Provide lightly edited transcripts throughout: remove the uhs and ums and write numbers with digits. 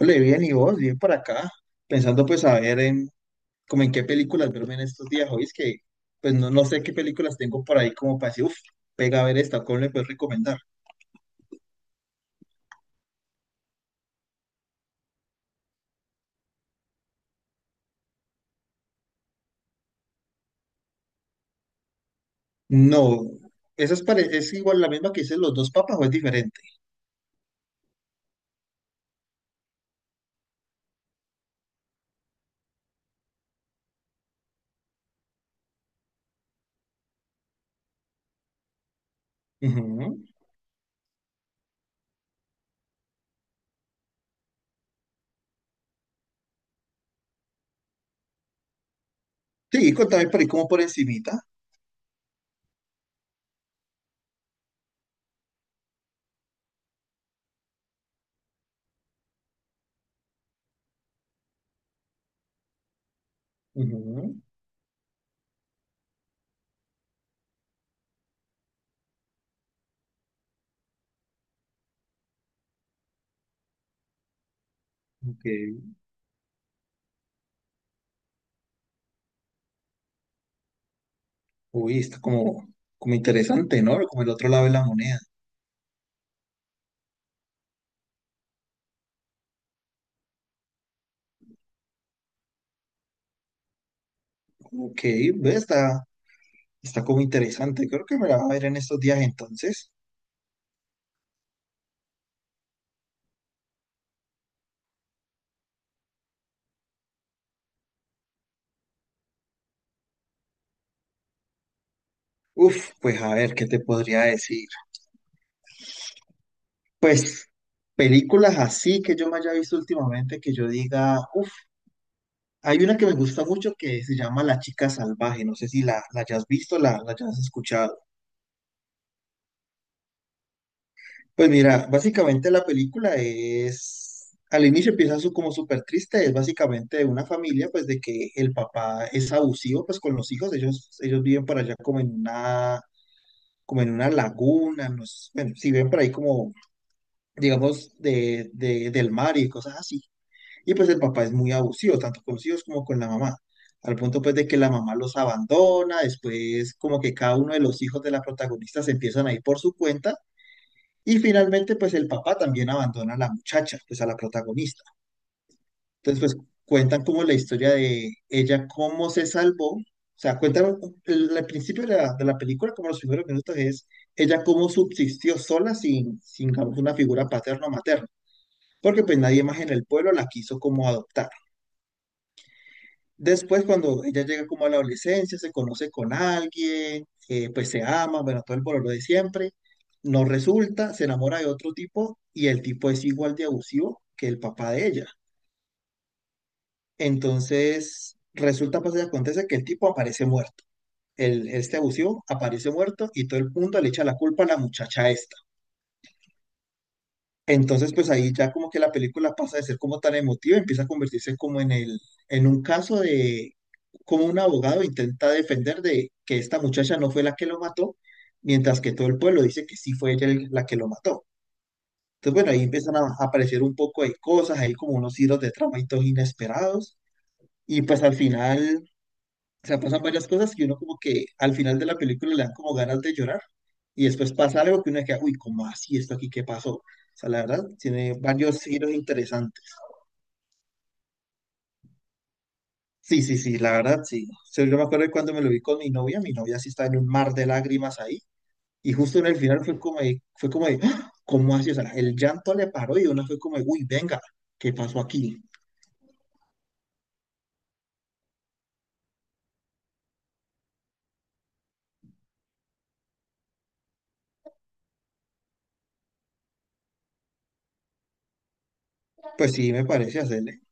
Ole, bien, y vos, bien por acá, pensando pues a ver, en como en qué películas verme en estos días, hoy es que pues no sé qué películas tengo por ahí como para decir, uff, pega a ver esta, ¿cómo le puedes recomendar? No, esa es, es igual la misma que hice Los Dos Papas, o es diferente. Ujú. Sí, contame por ahí como por encimita. Ujú, ok. Uy, está como, como interesante, ¿no? Como el otro lado de la moneda. Ok, ve, está, está como interesante. Creo que me la va a ver en estos días entonces. Uf, pues a ver, ¿qué te podría decir? Pues películas así que yo me haya visto últimamente, que yo diga, uff, hay una que me gusta mucho que se llama La Chica Salvaje, no sé si la hayas visto, la hayas escuchado. Pues mira, básicamente la película es, al inicio empieza su, como súper triste, es básicamente de una familia, pues de que el papá es abusivo, pues con los hijos, ellos viven por allá como en una laguna, no sé, bueno, si ven por ahí como, digamos, del mar y cosas así. Y pues el papá es muy abusivo, tanto con los hijos como con la mamá, al punto pues de que la mamá los abandona, después como que cada uno de los hijos de la protagonista se empiezan a ir por su cuenta, y finalmente pues el papá también abandona a la muchacha, pues a la protagonista. Entonces pues cuentan como la historia de ella, cómo se salvó, o sea, cuentan el principio de la película, como los primeros minutos es ella cómo subsistió sola sin digamos, una figura paterna o materna, porque pues nadie más en el pueblo la quiso como adoptar. Después, cuando ella llega como a la adolescencia, se conoce con alguien, pues se ama, bueno, todo el bololo de siempre, no resulta, se enamora de otro tipo y el tipo es igual de abusivo que el papá de ella. Entonces, resulta, pues, y acontece que el tipo aparece muerto. El, este abusivo aparece muerto y todo el mundo le echa la culpa a la muchacha esta. Entonces, pues ahí ya como que la película pasa de ser como tan emotiva, empieza a convertirse como en en un caso de como un abogado intenta defender de que esta muchacha no fue la que lo mató, mientras que todo el pueblo dice que sí fue ella la que lo mató. Entonces, bueno, ahí empiezan a aparecer un poco de cosas, hay como unos hilos de trama y todos inesperados, y pues al final, o sea, pasan varias cosas y uno como que al final de la película le dan como ganas de llorar, y después pasa algo que uno queda, uy, ¿cómo así esto aquí? ¿Qué pasó? O sea, la verdad, tiene varios giros interesantes. Sí, sí, sí, la verdad, sí. O sea, yo me acuerdo de cuando me lo vi con mi novia sí estaba en un mar de lágrimas ahí, y justo en el final fue como de, ¡ah! ¿Cómo así? O sea, el llanto le paró y uno fue como de, uy, venga, ¿qué pasó aquí? Pues sí, me parece hacerle.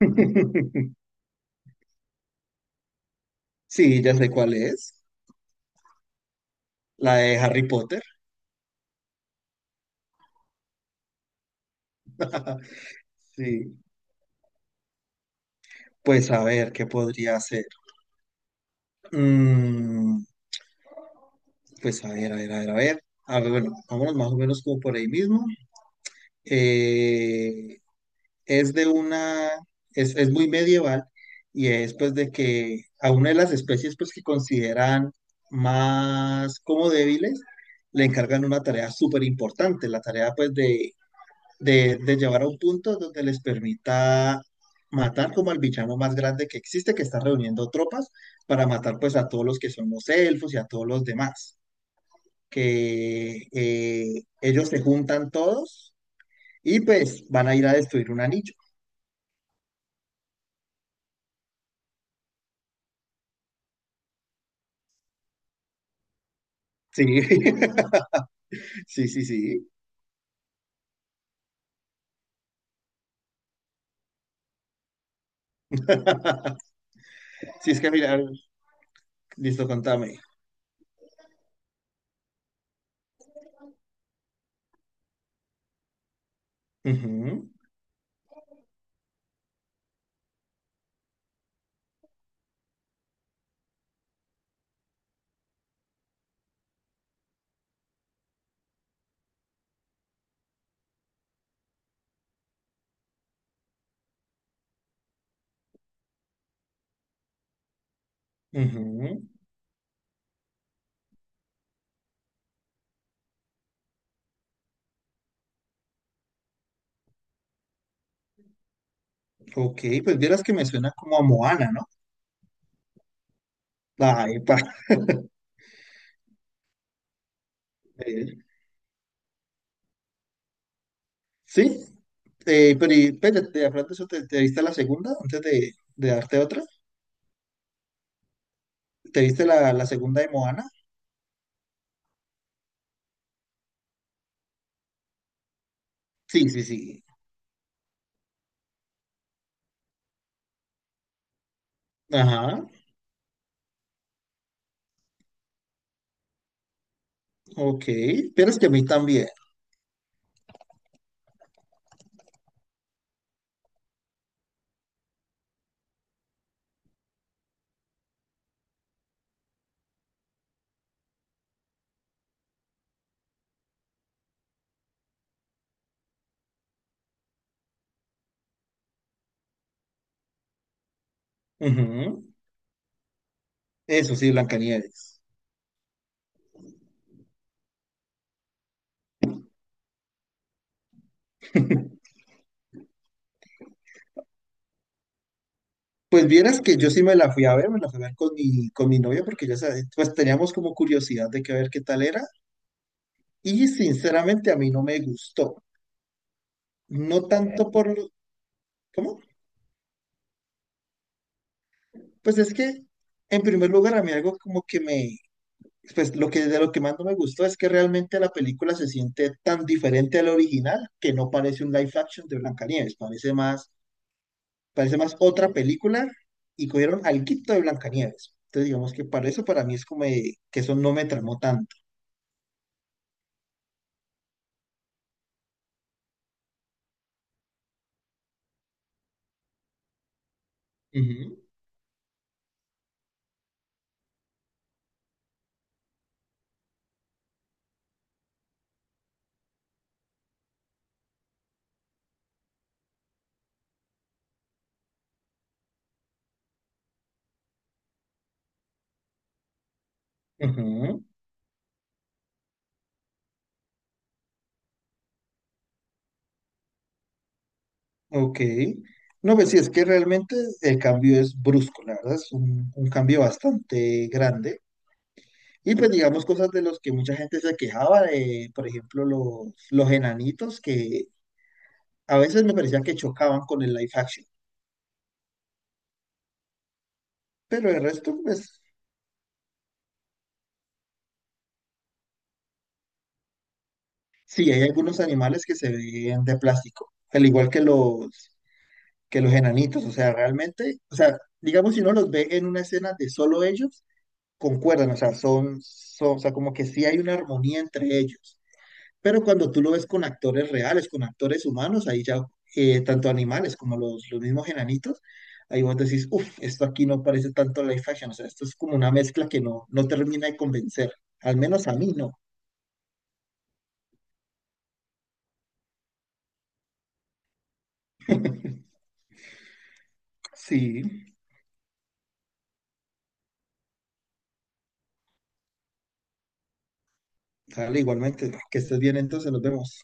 Sí, ya sé cuál es, la de Harry Potter. Sí. Pues a ver, ¿qué podría hacer? Mm, pues a ver, a ver, a ver, a ver. A ver, bueno, vámonos más o menos como por ahí mismo. Eh, es de una, es muy medieval y es pues de que a una de las especies pues que consideran más como débiles le encargan una tarea súper importante, la tarea pues de de llevar a un punto donde les permita matar como al villano más grande que existe, que está reuniendo tropas para matar pues a todos los que son los elfos y a todos los demás. Que ellos se juntan todos y pues van a ir a destruir un anillo. Sí, sí, sí, sí. Sí, es que mira, listo, contame. Ujú, ujú. Ok, pues vieras que me suena como a Moana, ¿no? Ay, eh, sí. Pero y, espérate, hablando de eso, ¿te, te viste la segunda antes de darte otra? ¿Te viste la segunda de Moana? Sí, sí, sí. Ajá, ok. Pero es que a mí también. Ujú. Eso sí, Blancanieves. Pues vieras que yo sí me la fui a ver, me la fui a ver con mi novia porque ya sabes, pues teníamos como curiosidad de que ver qué tal era. Y sinceramente a mí no me gustó. No. Ok. Tanto por lo... ¿Cómo? Pues es que, en primer lugar, a mí algo como que me... Pues lo que de lo que más no me gustó es que realmente la película se siente tan diferente al original que no parece un live action de Blancanieves, parece más otra película, y cogieron al quito de Blancanieves. Entonces digamos que para eso para mí es como de- que eso no me tramó tanto. Ujú, ujú. Ok. No, pues sí, es que realmente el cambio es brusco, la verdad, es un cambio bastante grande. Y pues digamos cosas de los que mucha gente se quejaba, de, por ejemplo, los enanitos que a veces me parecía que chocaban con el live action, pero el resto, pues sí, hay algunos animales que se ven de plástico, al igual que los enanitos, o sea, realmente, o sea, digamos si uno los ve en una escena de solo ellos, concuerdan, o sea, son, o sea, como que sí hay una armonía entre ellos. Pero cuando tú lo ves con actores reales, con actores humanos, ahí ya, tanto animales como los mismos enanitos, ahí vos decís, uff, esto aquí no parece tanto live action, o sea, esto es como una mezcla que no termina de convencer, al menos a mí no. Sí, sale igualmente, que estés bien, entonces nos vemos.